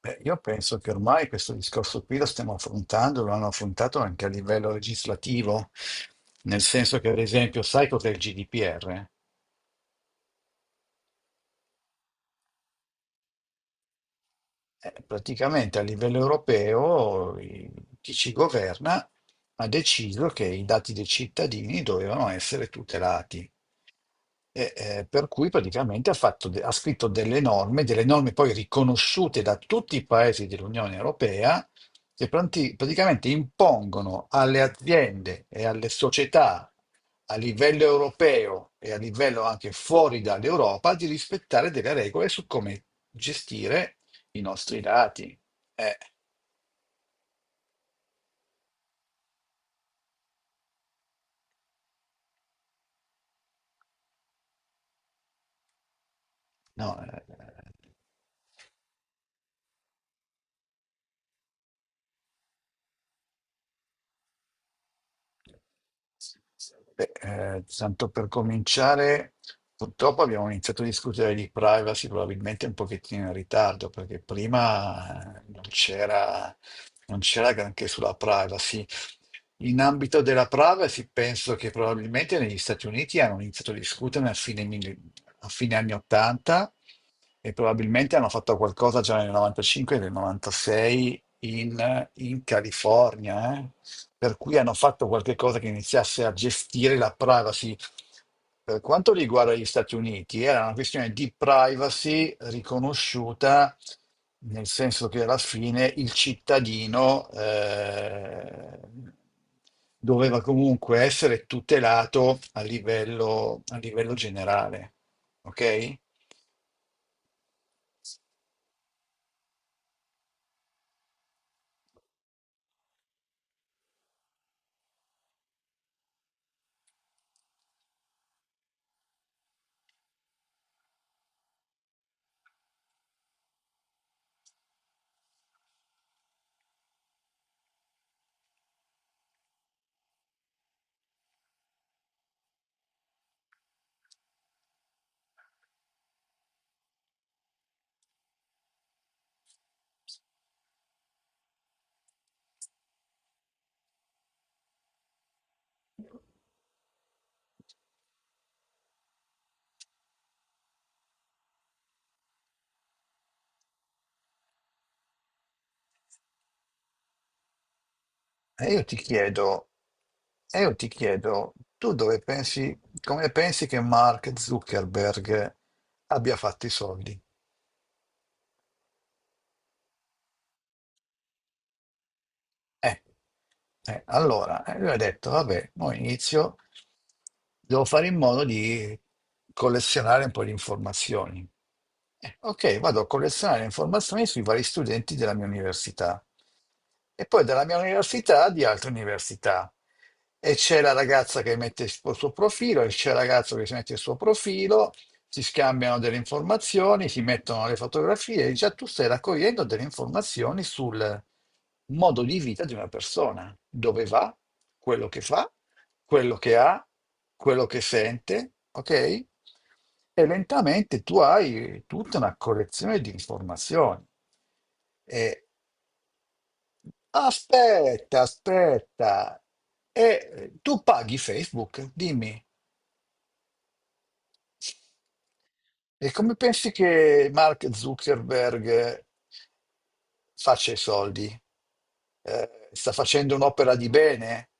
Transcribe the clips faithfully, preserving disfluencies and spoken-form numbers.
Beh, io penso che ormai questo discorso qui lo stiamo affrontando, lo hanno affrontato anche a livello legislativo, nel senso che, ad esempio, sai cos'è il G D P R? Eh, praticamente a livello europeo i- chi ci governa ha deciso che i dati dei cittadini dovevano essere tutelati. E, eh, per cui praticamente ha, fatto de- ha scritto delle norme, delle norme poi riconosciute da tutti i paesi dell'Unione Europea, che pranti- praticamente impongono alle aziende e alle società a livello europeo e a livello anche fuori dall'Europa di rispettare delle regole su come gestire i nostri dati. Eh, no, eh, Beh, eh, Tanto per cominciare, purtroppo abbiamo iniziato a discutere di privacy probabilmente un pochettino in ritardo, perché prima eh, non c'era non c'era granché sulla privacy. In ambito della privacy, penso che probabilmente negli Stati Uniti hanno iniziato a discuterne a fine, mille- a fine anni ottanta e probabilmente hanno fatto qualcosa già nel novantacinque e nel novantasei in, in California, eh per cui hanno fatto qualche cosa che iniziasse a gestire la privacy. Per quanto riguarda gli Stati Uniti, era una questione di privacy riconosciuta, nel senso che alla fine il cittadino eh, doveva comunque essere tutelato a livello, a livello generale. Ok? E io ti chiedo, e io ti chiedo, tu dove pensi, come pensi che Mark Zuckerberg abbia fatto i soldi? Eh, eh, allora, eh, lui ha detto, vabbè, mo inizio, devo fare in modo di collezionare un po' di informazioni. Eh, ok, vado a collezionare informazioni sui vari studenti della mia università e poi dalla mia università di altre università. E c'è la ragazza che mette il suo suo profilo, e c'è il ragazzo che si mette il suo profilo, si scambiano delle informazioni, si mettono le fotografie, e già tu stai raccogliendo delle informazioni sul modo di vita di una persona, dove va, quello che fa, quello che ha, quello che sente, ok? E lentamente tu hai tutta una collezione di informazioni. E aspetta, aspetta, e eh, Tu paghi Facebook? Dimmi. E come pensi che Mark Zuckerberg faccia i soldi? Eh, sta facendo un'opera di bene?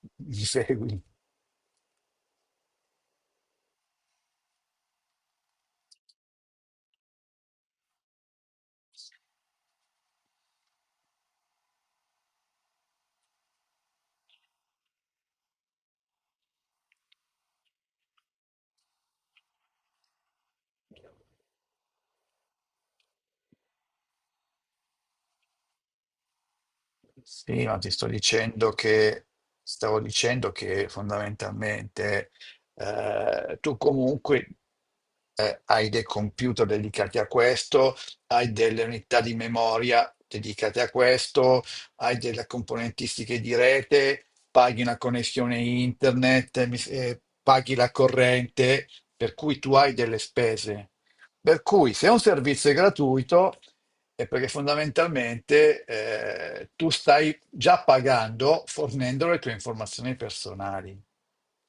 Mi segui? Sì, ma ti sto dicendo che, stavo dicendo che fondamentalmente eh, tu comunque eh, hai dei computer dedicati a questo, hai delle unità di memoria dedicate a questo, hai delle componentistiche di rete, paghi una connessione internet, mi- eh, paghi la corrente, per cui tu hai delle spese. Per cui se un servizio è gratuito. E perché fondamentalmente eh, tu stai già pagando fornendo le tue informazioni personali.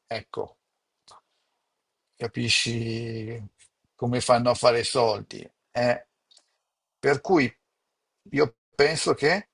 Ecco, capisci come fanno a fare i soldi. Eh? Per cui io penso che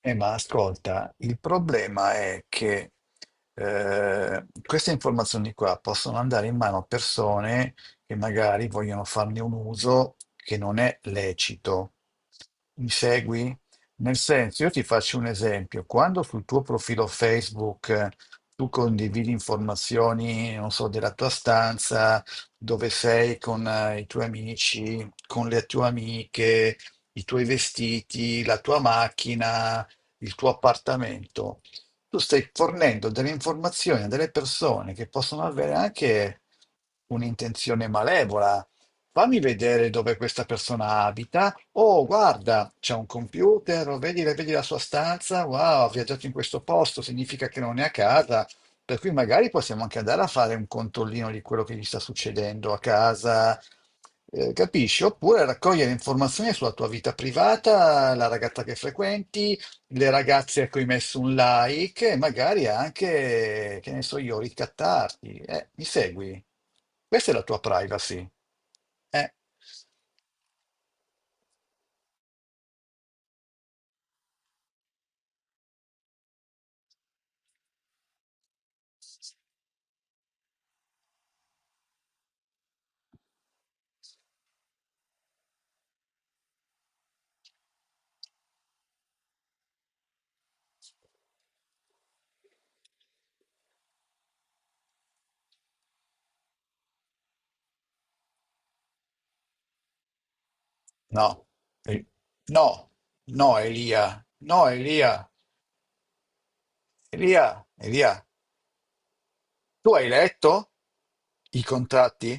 Eh, ma ascolta, il problema è che eh, queste informazioni qua possono andare in mano a persone che magari vogliono farne un uso che non è lecito. Mi segui? Nel senso, io ti faccio un esempio. Quando sul tuo profilo Facebook eh, tu condividi informazioni, non so, della tua stanza, dove sei con eh, i tuoi amici, con le tue amiche, i tuoi vestiti, la tua macchina il tuo appartamento, tu stai fornendo delle informazioni a delle persone che possono avere anche un'intenzione malevola. Fammi vedere dove questa persona abita. Oh, guarda, c'è un computer, oh, vedi, vedi la sua stanza. Wow, ha viaggiato in questo posto, significa che non è a casa. Per cui magari possiamo anche andare a fare un controllino di quello che gli sta succedendo a casa, eh, capisci? Oppure raccogliere informazioni sulla tua vita privata, la ragazza che frequenti, le ragazze a cui hai messo un like e magari anche, che ne so io, ricattarti. Eh, mi segui? Questa è la tua privacy. Eh, no. Eh, No, no, Elia. No, Elia. Elia, Elia, tu hai letto i contratti?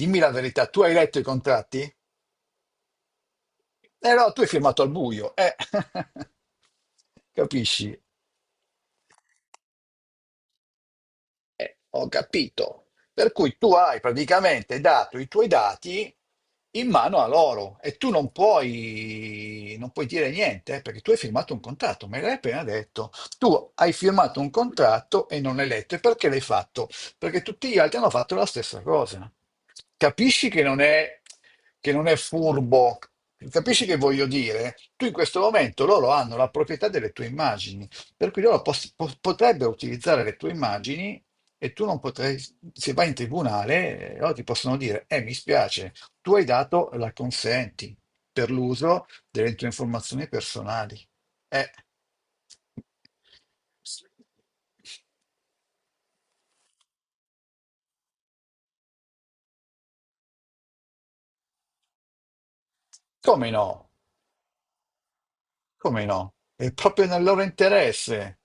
Dimmi la verità, tu hai letto i contratti? Eh no, tu hai firmato al buio. Eh. Capisci? Eh, ho capito. Per cui tu hai praticamente dato i tuoi dati in mano a loro e tu non puoi, non puoi dire niente eh, perché tu hai firmato un contratto, me l'hai appena detto. Tu hai firmato un contratto e non l'hai letto. E perché l'hai fatto? Perché tutti gli altri hanno fatto la stessa cosa. Capisci che non è, che non è furbo? Capisci che voglio dire? Tu in questo momento loro hanno la proprietà delle tue immagini, per cui loro pos- po- potrebbero utilizzare le tue immagini e tu non potrai, se vai in tribunale, eh, loro ti possono dire, eh, mi spiace, tu hai dato la consenti per l'uso delle tue informazioni personali. Eh, come no? Come no? È proprio nel loro interesse.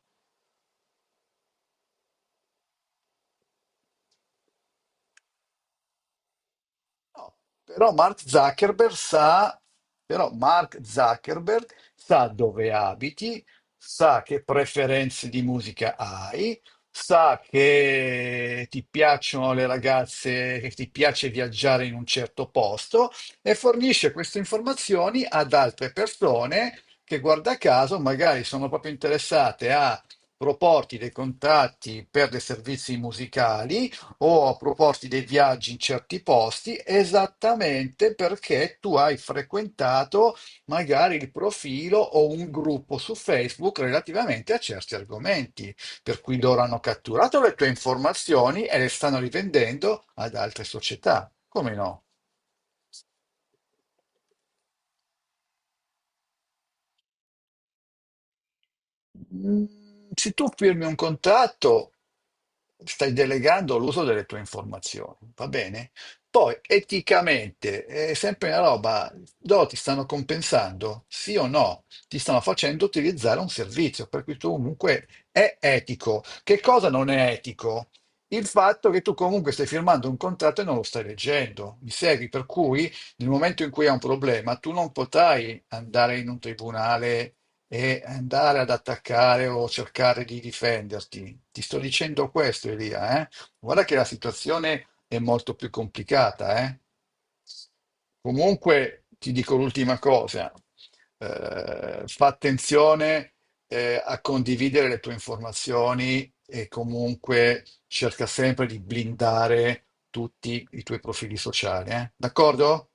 No, però Mark Zuckerberg sa, Però Mark Zuckerberg sa dove abiti, sa che preferenze di musica hai, sa che ti piacciono le ragazze, che ti piace viaggiare in un certo posto e fornisce queste informazioni ad altre persone che, guarda caso, magari sono proprio interessate a proporti dei contatti per dei servizi musicali o proposti dei viaggi in certi posti esattamente perché tu hai frequentato magari il profilo o un gruppo su Facebook relativamente a certi argomenti, per cui loro hanno catturato le tue informazioni e le stanno rivendendo ad altre società. Come no? Mm, Se tu firmi un contratto, stai delegando l'uso delle tue informazioni, va bene? Poi, eticamente, è sempre una roba, loro ti stanno compensando, sì o no? Ti stanno facendo utilizzare un servizio, per cui tu comunque è etico. Che cosa non è etico? Il fatto che tu comunque stai firmando un contratto e non lo stai leggendo, mi segui? Per cui nel momento in cui hai un problema, tu non potrai andare in un tribunale e andare ad attaccare o cercare di difenderti. Ti sto dicendo questo, Elia, eh. Guarda che la situazione è molto più complicata, eh. Comunque ti dico l'ultima cosa, eh, fa attenzione eh, a condividere le tue informazioni e comunque cerca sempre di blindare tutti i tuoi profili sociali, eh. D'accordo?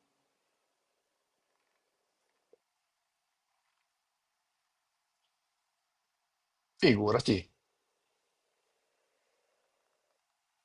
Figurati.